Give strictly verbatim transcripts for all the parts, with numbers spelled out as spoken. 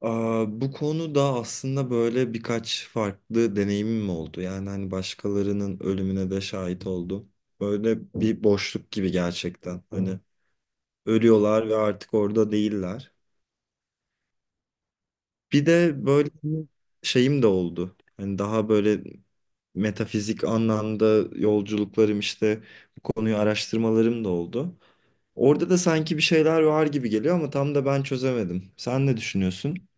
Aa, bu konuda aslında böyle birkaç farklı deneyimim oldu. Yani hani başkalarının ölümüne de şahit oldum. Böyle bir boşluk gibi gerçekten. Hani ölüyorlar ve artık orada değiller. Bir de böyle bir şeyim de oldu. Hani daha böyle metafizik anlamda yolculuklarım işte bu konuyu araştırmalarım da oldu. Orada da sanki bir şeyler var gibi geliyor ama tam da ben çözemedim. Sen ne düşünüyorsun?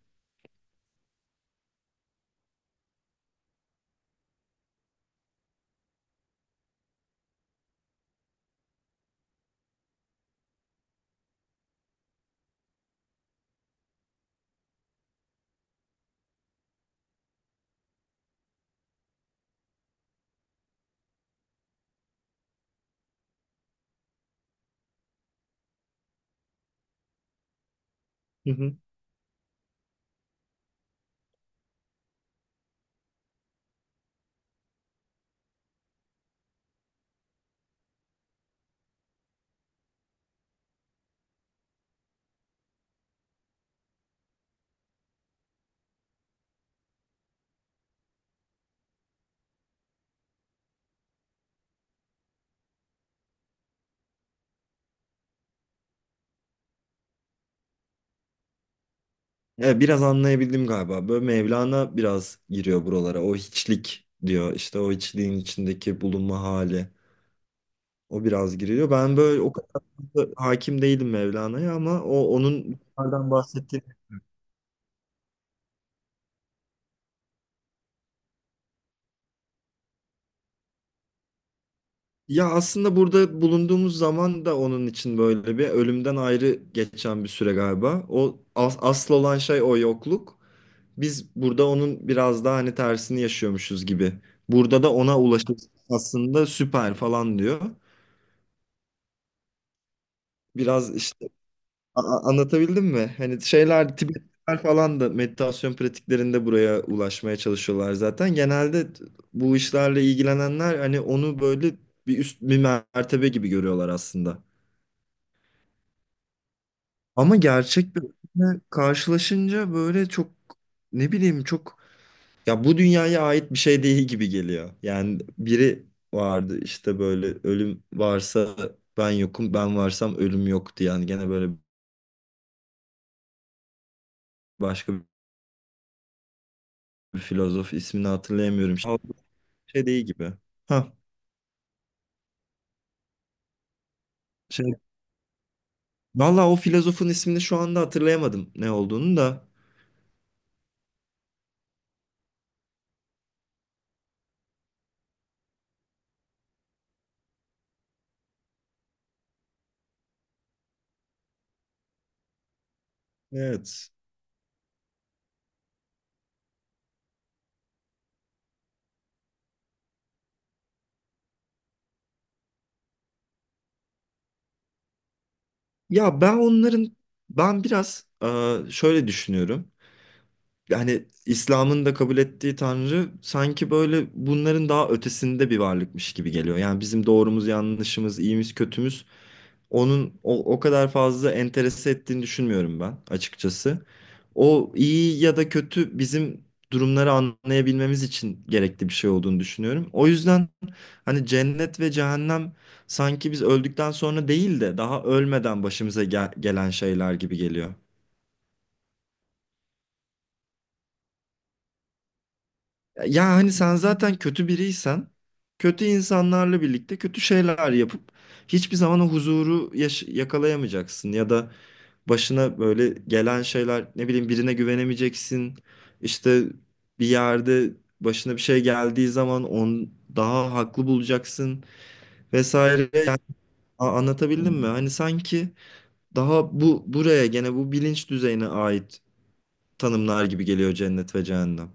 Evet, biraz anlayabildim galiba. Böyle Mevlana biraz giriyor buralara. O hiçlik diyor. İşte o hiçliğin içindeki bulunma hali. O biraz giriyor. Ben böyle o kadar da hakim değilim Mevlana'ya ama o onun bunlardan bahsettiği. Ya aslında burada bulunduğumuz zaman da onun için böyle bir ölümden ayrı geçen bir süre galiba. O as- asıl olan şey o yokluk. Biz burada onun biraz daha hani tersini yaşıyormuşuz gibi. Burada da ona ulaşıp aslında süper falan diyor. Biraz işte. A- Anlatabildim mi? Hani şeyler Tibetliler falan da meditasyon pratiklerinde buraya ulaşmaya çalışıyorlar zaten. Genelde t- bu işlerle ilgilenenler hani onu böyle bir üst bir mertebe gibi görüyorlar aslında. Ama gerçek bir öğütle karşılaşınca böyle çok ne bileyim çok, ya bu dünyaya ait bir şey değil gibi geliyor. Yani biri vardı işte böyle ölüm varsa ben yokum, ben varsam ölüm yok diye. Yani gene böyle başka bir filozof, ismini hatırlayamıyorum. Şey değil gibi. Ha, şey. Valla o filozofun ismini şu anda hatırlayamadım, ne olduğunu da. Evet. Ya ben onların, ben biraz e, şöyle düşünüyorum. Yani İslam'ın da kabul ettiği Tanrı sanki böyle bunların daha ötesinde bir varlıkmış gibi geliyor. Yani bizim doğrumuz, yanlışımız, iyimiz, kötümüz onun o, o kadar fazla enterese ettiğini düşünmüyorum ben açıkçası. O iyi ya da kötü bizim durumları anlayabilmemiz için gerekli bir şey olduğunu düşünüyorum. O yüzden hani cennet ve cehennem sanki biz öldükten sonra değil de daha ölmeden başımıza gel- gelen şeyler gibi geliyor. Ya hani sen zaten kötü biriysen, kötü insanlarla birlikte kötü şeyler yapıp hiçbir zaman o huzuru yaş- yakalayamayacaksın ya da başına böyle gelen şeyler, ne bileyim, birine güvenemeyeceksin. İşte bir yerde başına bir şey geldiği zaman onu daha haklı bulacaksın vesaire. Yani a- anlatabildim mi? Hani sanki daha bu buraya gene bu bilinç düzeyine ait tanımlar gibi geliyor cennet ve cehennem.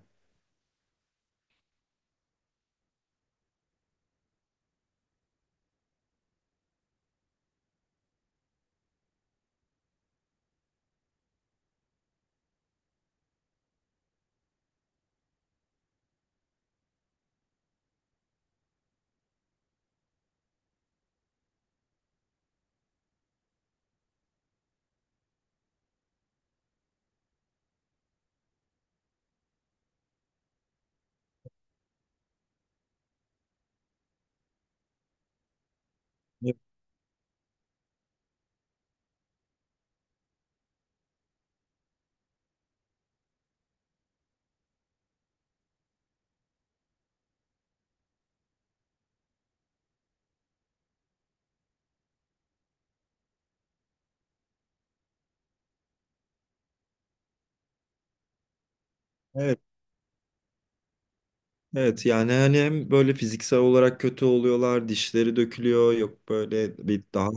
Evet yani hani hem böyle fiziksel olarak kötü oluyorlar, dişleri dökülüyor, yok böyle bir daha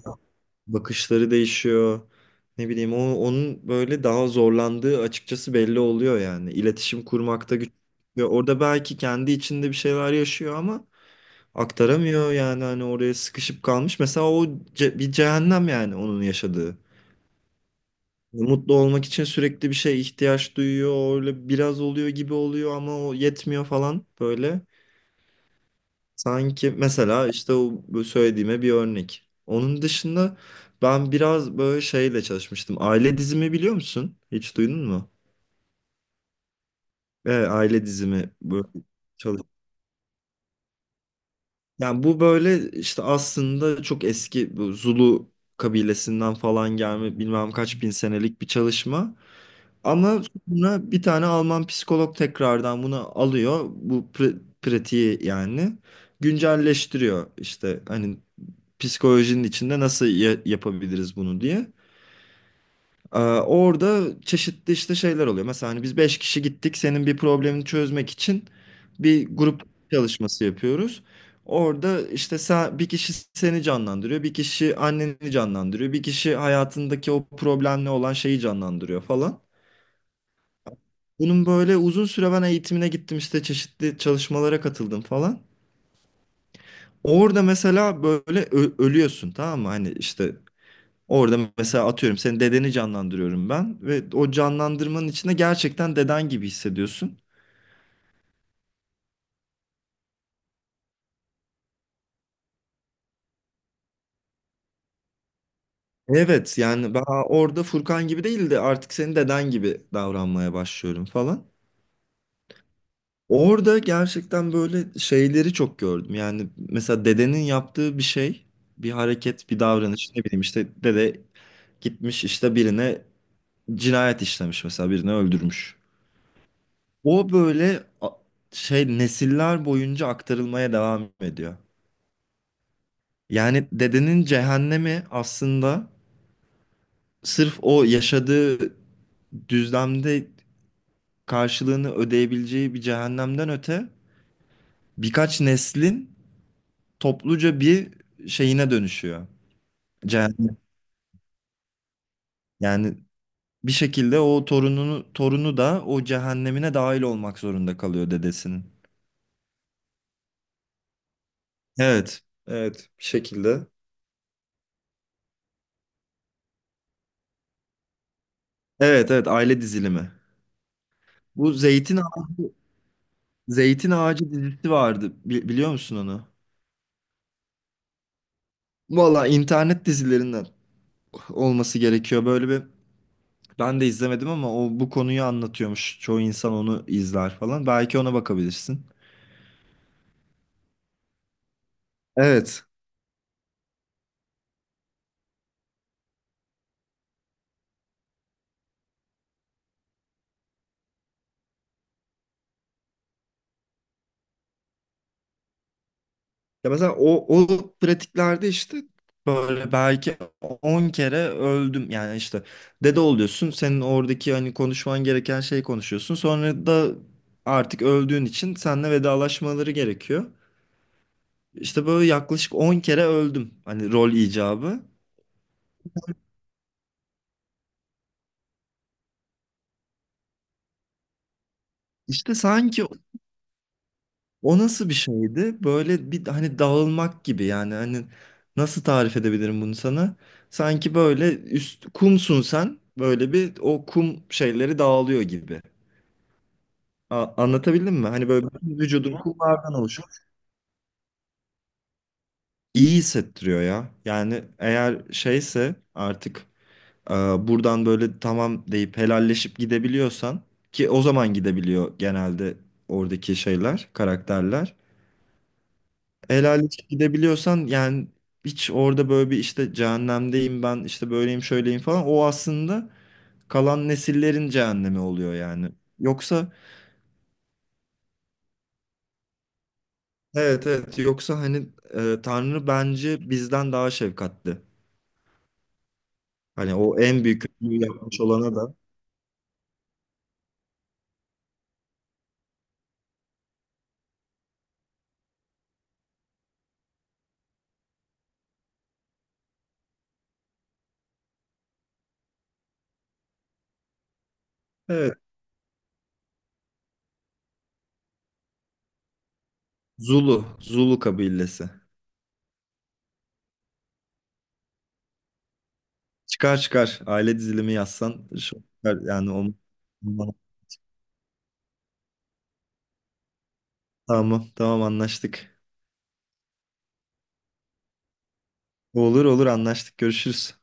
bakışları değişiyor. Ne bileyim o, onun böyle daha zorlandığı açıkçası belli oluyor yani. İletişim kurmakta güç. Ve orada belki kendi içinde bir şeyler yaşıyor ama aktaramıyor, yani hani oraya sıkışıp kalmış. Mesela o ce- bir cehennem yani onun yaşadığı. Mutlu olmak için sürekli bir şeye ihtiyaç duyuyor. Öyle biraz oluyor gibi oluyor ama o yetmiyor falan böyle. Sanki mesela işte o bu söylediğime bir örnek. Onun dışında ben biraz böyle şeyle çalışmıştım. Aile dizimi biliyor musun? Hiç duydun mu? Evet, aile dizimi böyle çalış. Yani bu böyle işte aslında çok eski, bu Zulu kabilesinden falan gelme bilmem kaç bin senelik bir çalışma. Ama sonra bir tane Alman psikolog tekrardan bunu alıyor. Bu pr- pratiği yani güncelleştiriyor. İşte hani psikolojinin içinde nasıl ya- yapabiliriz bunu diye. Ee, orada çeşitli işte şeyler oluyor. Mesela hani biz beş kişi gittik senin bir problemini çözmek için, bir grup çalışması yapıyoruz. Orada işte sen, bir kişi seni canlandırıyor, bir kişi anneni canlandırıyor, bir kişi hayatındaki o problemle olan şeyi canlandırıyor falan. Bunun böyle uzun süre ben eğitimine gittim, işte çeşitli çalışmalara katıldım falan. Orada mesela böyle ö- ölüyorsun tamam mı? Hani işte orada mesela atıyorum senin dedeni canlandırıyorum ben ve o canlandırmanın içinde gerçekten deden gibi hissediyorsun. Evet yani ben orada Furkan gibi değil de artık senin deden gibi davranmaya başlıyorum falan. Orada gerçekten böyle şeyleri çok gördüm. Yani mesela dedenin yaptığı bir şey, bir hareket, bir davranış, ne bileyim işte dede gitmiş işte birine cinayet işlemiş, mesela birini öldürmüş. O böyle a- şey nesiller boyunca aktarılmaya devam ediyor. Yani dedenin cehennemi aslında sırf o yaşadığı düzlemde karşılığını ödeyebileceği bir cehennemden öte, birkaç neslin topluca bir şeyine dönüşüyor. Cehennem. Yani bir şekilde o torununu torunu da o cehennemine dahil olmak zorunda kalıyor dedesinin. Evet, evet, bir şekilde. Evet evet, aile dizilimi. Bu Zeytin Ağacı, Zeytin Ağacı dizisi vardı. Bi- biliyor musun onu? Valla internet dizilerinden olması gerekiyor. Böyle bir, ben de izlemedim ama o bu konuyu anlatıyormuş. Çoğu insan onu izler falan. Belki ona bakabilirsin. Evet. Ya mesela o, o pratiklerde işte böyle belki on kere öldüm. Yani işte dede oluyorsun. Senin oradaki hani konuşman gereken şeyi konuşuyorsun. Sonra da artık öldüğün için seninle vedalaşmaları gerekiyor. İşte böyle yaklaşık on kere öldüm. Hani rol icabı. İşte sanki o nasıl bir şeydi? Böyle bir hani dağılmak gibi, yani hani nasıl tarif edebilirim bunu sana? Sanki böyle üst kumsun sen. Böyle bir o kum şeyleri dağılıyor gibi. A- anlatabildim mi? Hani böyle bütün vücudun kumlardan oluşuyor. İyi hissettiriyor ya. Yani eğer şeyse artık Ee, buradan böyle tamam deyip helalleşip gidebiliyorsan, ki o zaman gidebiliyor genelde oradaki şeyler, karakterler. Helalleşip gidebiliyorsan, yani hiç orada böyle bir işte cehennemdeyim ben, işte böyleyim şöyleyim falan, o aslında kalan nesillerin cehennemi oluyor yani. Yoksa, evet evet, yoksa hani e, Tanrı bence bizden daha şefkatli. Hani o en büyük kötülüğü yapmış olana da evet. Zulu, Zulu kabilesi. Çıkar çıkar. Aile dizilimi yazsan şu çıkar. Yani o, tamam tamam tamam, anlaştık. Olur olur, anlaştık. Görüşürüz.